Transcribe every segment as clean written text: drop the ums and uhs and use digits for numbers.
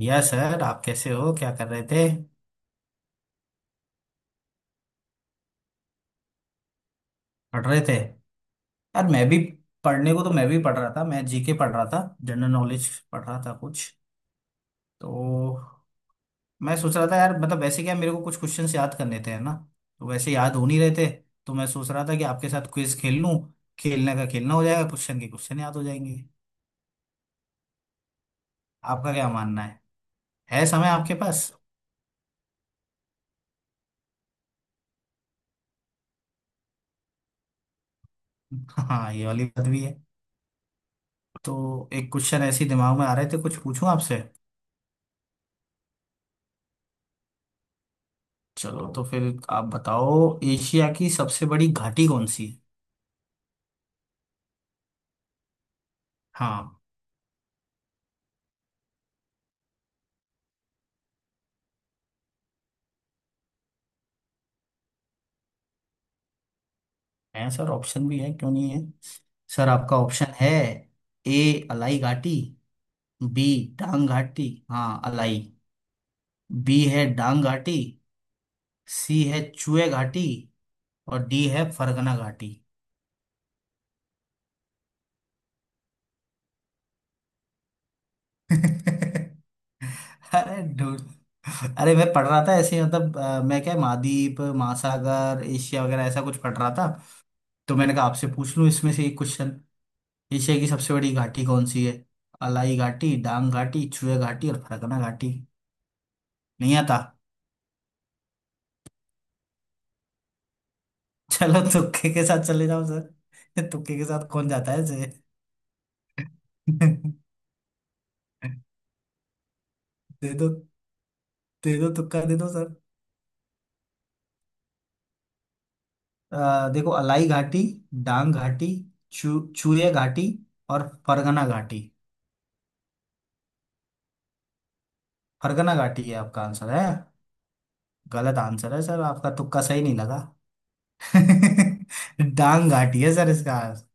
या सर, आप कैसे हो? क्या कर रहे थे? पढ़ रहे थे? यार मैं भी। पढ़ने को तो मैं भी पढ़ रहा था, मैं जीके पढ़ रहा था, जनरल नॉलेज पढ़ रहा था कुछ। तो मैं सोच रहा था यार, मतलब वैसे, क्या मेरे को कुछ क्वेश्चंस याद करने थे, है ना? तो वैसे याद हो नहीं रहे थे। तो मैं सोच रहा था कि आपके साथ क्विज खेल लूं। खेलने का खेलना हो जाएगा, क्वेश्चन के क्वेश्चन याद हो जाएंगे। आपका क्या मानना है? है समय आपके पास? हाँ, ये वाली बात भी है। तो एक क्वेश्चन ऐसे ही दिमाग में आ रहे थे, कुछ पूछूं आपसे? चलो तो फिर। आप बताओ, एशिया की सबसे बड़ी घाटी कौन सी है? हाँ, है सर, ऑप्शन भी है, क्यों नहीं है। सर आपका ऑप्शन है, ए अलाई घाटी। बी डांग घाटी, हाँ अलाई। बी है डांग घाटी। सी है चुए घाटी। और डी है फरगना घाटी। अरे, अरे मैं पढ़ रहा था ऐसे, मतलब मैं क्या, महाद्वीप महासागर एशिया वगैरह ऐसा कुछ पढ़ रहा था। तो मैंने कहा आपसे पूछ लूं इसमें से एक क्वेश्चन। एशिया की सबसे बड़ी घाटी कौन सी है? अलाई घाटी, डांग घाटी, चुए घाटी और फरकना घाटी। नहीं आता? चलो तुक्के के साथ चले जाओ सर। तुक्के के साथ कौन जाता है ऐसे। दे दो, दे दो तुक्का दे दो सर। देखो, अलाई घाटी, डांग घाटी, चू चूरिया घाटी और फरगना घाटी। फरगना घाटी है आपका आंसर है? गलत आंसर है सर, आपका तुक्का सही नहीं लगा। डांग घाटी है सर इसका आंसर।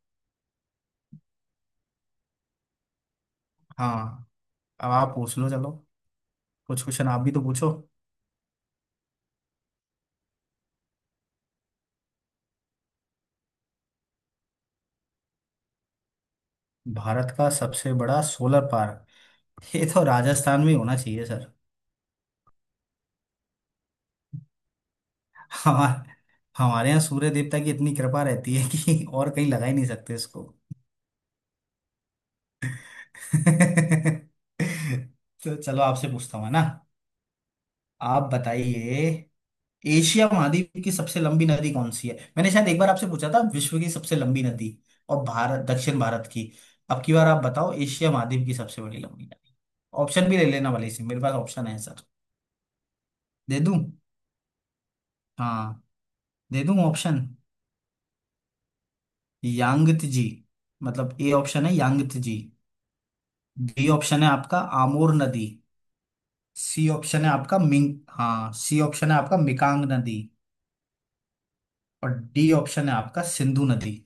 हाँ, अब आप पूछ लो चलो। कुछ क्वेश्चन आप भी तो पूछो। भारत का सबसे बड़ा सोलर पार्क? ये तो राजस्थान में होना चाहिए सर। हमारे हमारे यहाँ सूर्य देवता की इतनी कृपा रहती है कि और कहीं लगा ही नहीं सकते इसको। तो चलो आपसे पूछता हूँ, है ना? आप बताइए, एशिया महाद्वीप की सबसे लंबी नदी कौन सी है? मैंने शायद एक बार आपसे पूछा था विश्व की सबसे लंबी नदी और भारत, दक्षिण भारत की। अब की बार आप बताओ एशिया महाद्वीप की सबसे बड़ी लंबी नदी। ऑप्शन भी ले लेना भले से, मेरे पास ऑप्शन है सर। दे दूं? हाँ, दे दूं ऑप्शन। यांगत्जी, मतलब ए ऑप्शन है यांगत्जी। बी ऑप्शन है आपका आमोर नदी। सी ऑप्शन है आपका मिकांग नदी। और डी ऑप्शन है आपका सिंधु नदी।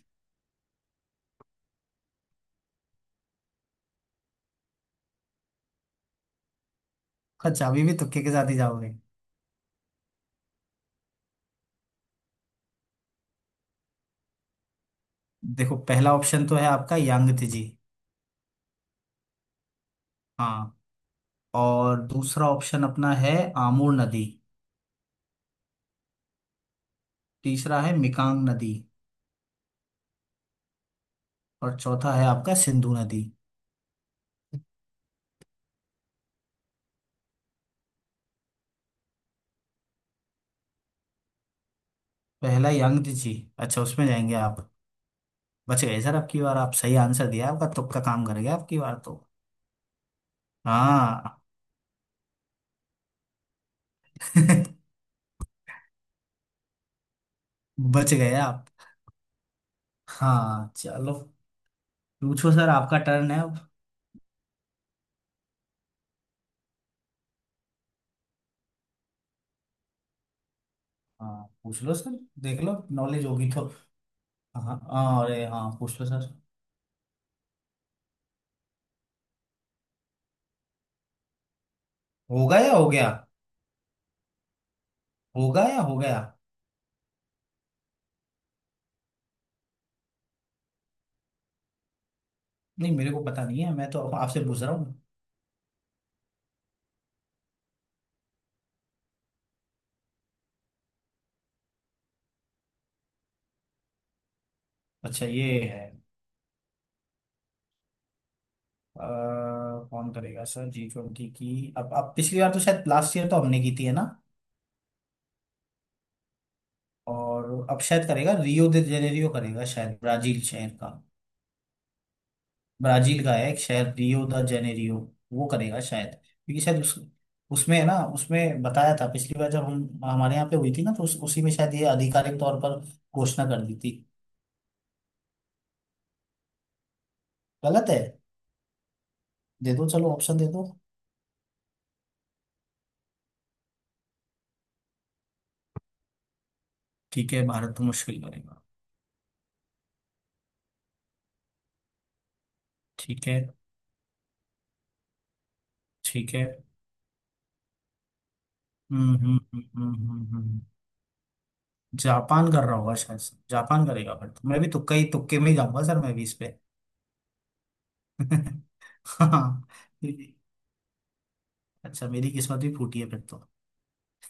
अच्छा, अभी भी तुक्के के साथ ही जाओगे? देखो, पहला ऑप्शन तो है आपका यांगत्ze जी, हाँ। और दूसरा ऑप्शन अपना है आमूर नदी। तीसरा है मिकांग नदी। और चौथा है आपका सिंधु नदी। पहला यांगत्ze जी? अच्छा, उसमें जाएंगे आप? बच गए सर, आपकी बार आप सही आंसर दिया, आपका तुक्का काम कर गया आपकी बार तो। हाँ। बच गए आप। हाँ चलो। पूछो सर, आपका टर्न है अब। हाँ पूछ लो सर, देख लो नॉलेज होगी तो। हाँ, हाँ, अरे हाँ पूछ लो सर। होगा या हो गया? होगा या हो गया? नहीं, मेरे को पता नहीं है, मैं तो आपसे पूछ रहा हूँ। अच्छा, ये है, अ, कौन करेगा सर G20 की? अब पिछली बार तो शायद लास्ट ईयर तो हमने की थी, है ना? और अब शायद करेगा रियो दे जेनेरियो, करेगा शायद, ब्राजील शहर का। ब्राजील का है एक शहर रियो द जेनेरियो। वो करेगा शायद, क्योंकि शायद उस उसमें है ना, उसमें बताया था पिछली बार जब हम हमारे यहाँ पे हुई थी ना, तो उसी में शायद ये आधिकारिक तौर पर घोषणा कर दी थी। गलत है। दे दो, चलो ऑप्शन दे दो। ठीक है, भारत तो मुश्किल करेगा। ठीक है। ठीक है। हम्म। जापान कर रहा होगा शायद से। जापान करेगा फिर तो मैं भी तुक्का ही तुक्के में ही जाऊंगा सर, मैं भी इस पे। हाँ। अच्छा मेरी किस्मत भी फूटी है फिर तो।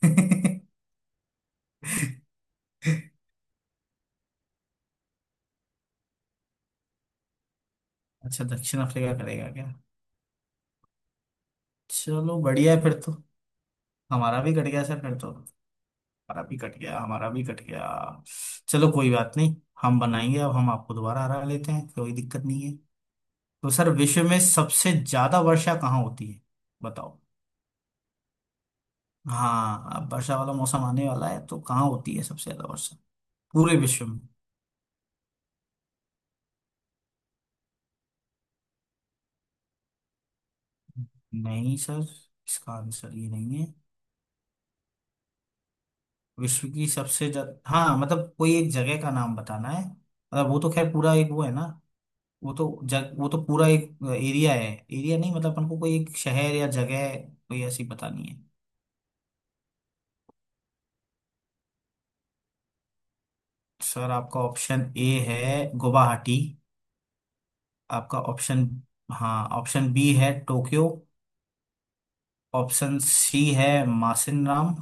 अच्छा दक्षिण अफ्रीका करेगा क्या? चलो बढ़िया है फिर तो। हमारा भी कट गया सर फिर तो, हमारा भी कट गया, हमारा भी कट गया। चलो कोई बात नहीं। हम बनाएंगे, अब हम आपको दोबारा हरा लेते हैं, कोई दिक्कत नहीं है। तो सर, विश्व में सबसे ज्यादा वर्षा कहाँ होती है, बताओ? हाँ अब वर्षा वाला मौसम आने वाला है, तो कहाँ होती है सबसे ज्यादा वर्षा? पूरे विश्व में। नहीं सर, इसका आंसर ये नहीं है। विश्व की सबसे ज्यादा, हाँ, मतलब कोई एक जगह का नाम बताना है, मतलब वो तो खैर पूरा एक वो है ना। वो तो पूरा एक एरिया है, एरिया नहीं, मतलब अपन को कोई एक शहर या जगह कोई ऐसी बतानी है। सर आपका ऑप्शन ए है गुवाहाटी। आपका ऑप्शन हाँ, ऑप्शन बी है टोक्यो। ऑप्शन सी है मासिन राम,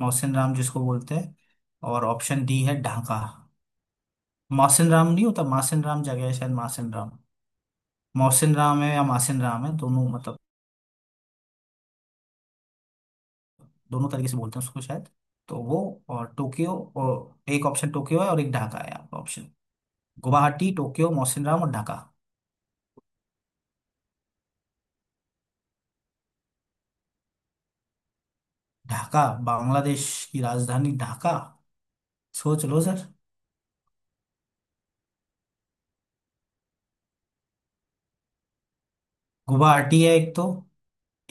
मौसिन राम जिसको बोलते हैं। और ऑप्शन डी है ढाका। मौसिन राम नहीं होता, मासिन राम, जगह है शायद मासिन राम। मौसिन राम है या मासिन राम है, दोनों, मतलब दोनों तरीके से बोलते हैं उसको शायद। तो वो, और टोक्यो, और एक ऑप्शन टोक्यो है और एक ढाका है आपका ऑप्शन। गुवाहाटी, टोक्यो, मौसिन राम और ढाका। ढाका? बांग्लादेश की राजधानी ढाका। सोच लो सर। गुवाहाटी है एक तो,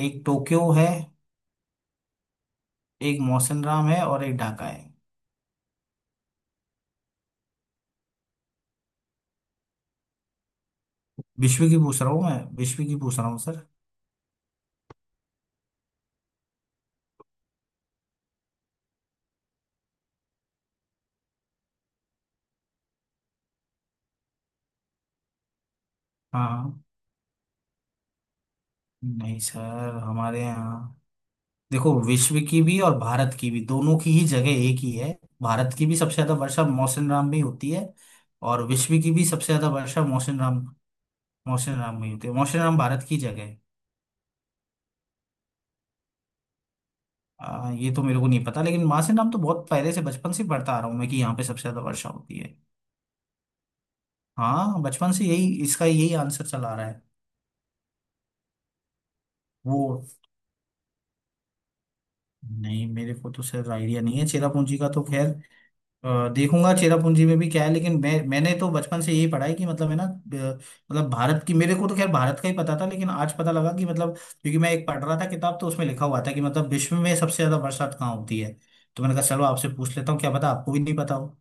एक टोक्यो है, एक मौसिन राम है और एक ढाका है। विश्व की पूछ रहा हूँ, मैं विश्व की पूछ रहा हूँ सर। हाँ। नहीं सर हमारे यहाँ। देखो, विश्व की भी और भारत की भी, दोनों की ही जगह एक ही है। भारत की भी सबसे ज्यादा वर्षा मौसम राम में ही होती है। और विश्व की भी सबसे ज्यादा वर्षा मौसम राम में ही होती है। मौसम राम भारत की जगह है। ये तो मेरे को नहीं पता, लेकिन मासिन राम तो बहुत पहले से, बचपन से पढ़ता आ रहा हूँ मैं, कि यहाँ पे सबसे ज्यादा वर्षा होती है। हाँ बचपन से यही, इसका यही आंसर चला आ रहा है। वो, नहीं, मेरे को तो सर आइडिया नहीं है चेरापूंजी का तो खैर। देखूंगा चेरापूंजी में भी क्या है, लेकिन मैं, मैंने तो बचपन से यही पढ़ा है कि मतलब, है ना, मतलब भारत की मेरे को तो खैर भारत का ही पता था, लेकिन आज पता लगा कि मतलब, क्योंकि मैं एक पढ़ रहा था किताब, तो उसमें लिखा हुआ था कि मतलब विश्व में सबसे ज्यादा बरसात कहाँ होती है। तो मैंने कहा चलो आपसे पूछ लेता हूँ, क्या पता आपको भी नहीं पता हो।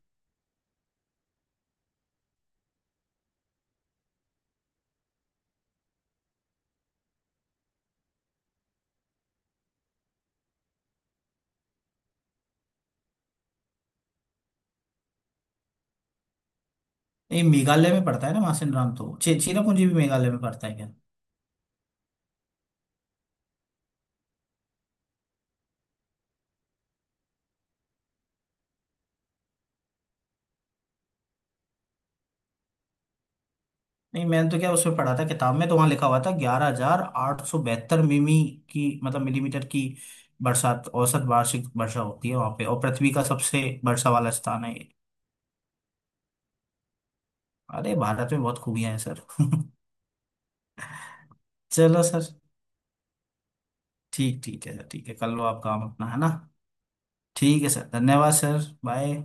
ये मेघालय में पड़ता है ना मासिन राम, तो चेरापूंजी भी मेघालय में पड़ता है क्या? नहीं, मैंने तो क्या उसमें पढ़ा था किताब में, तो वहां लिखा हुआ था 11,872 मिमी की, मतलब मिलीमीटर की बरसात, औसत वार्षिक वर्षा होती है वहां पे, और पृथ्वी का सबसे वर्षा वाला स्थान है ये। अरे भारत में बहुत खूबियां हैं सर। चलो सर। ठीक, ठीक है सर, ठीक है, कर लो आप काम अपना, है ना? ठीक है सर, धन्यवाद सर। बाय।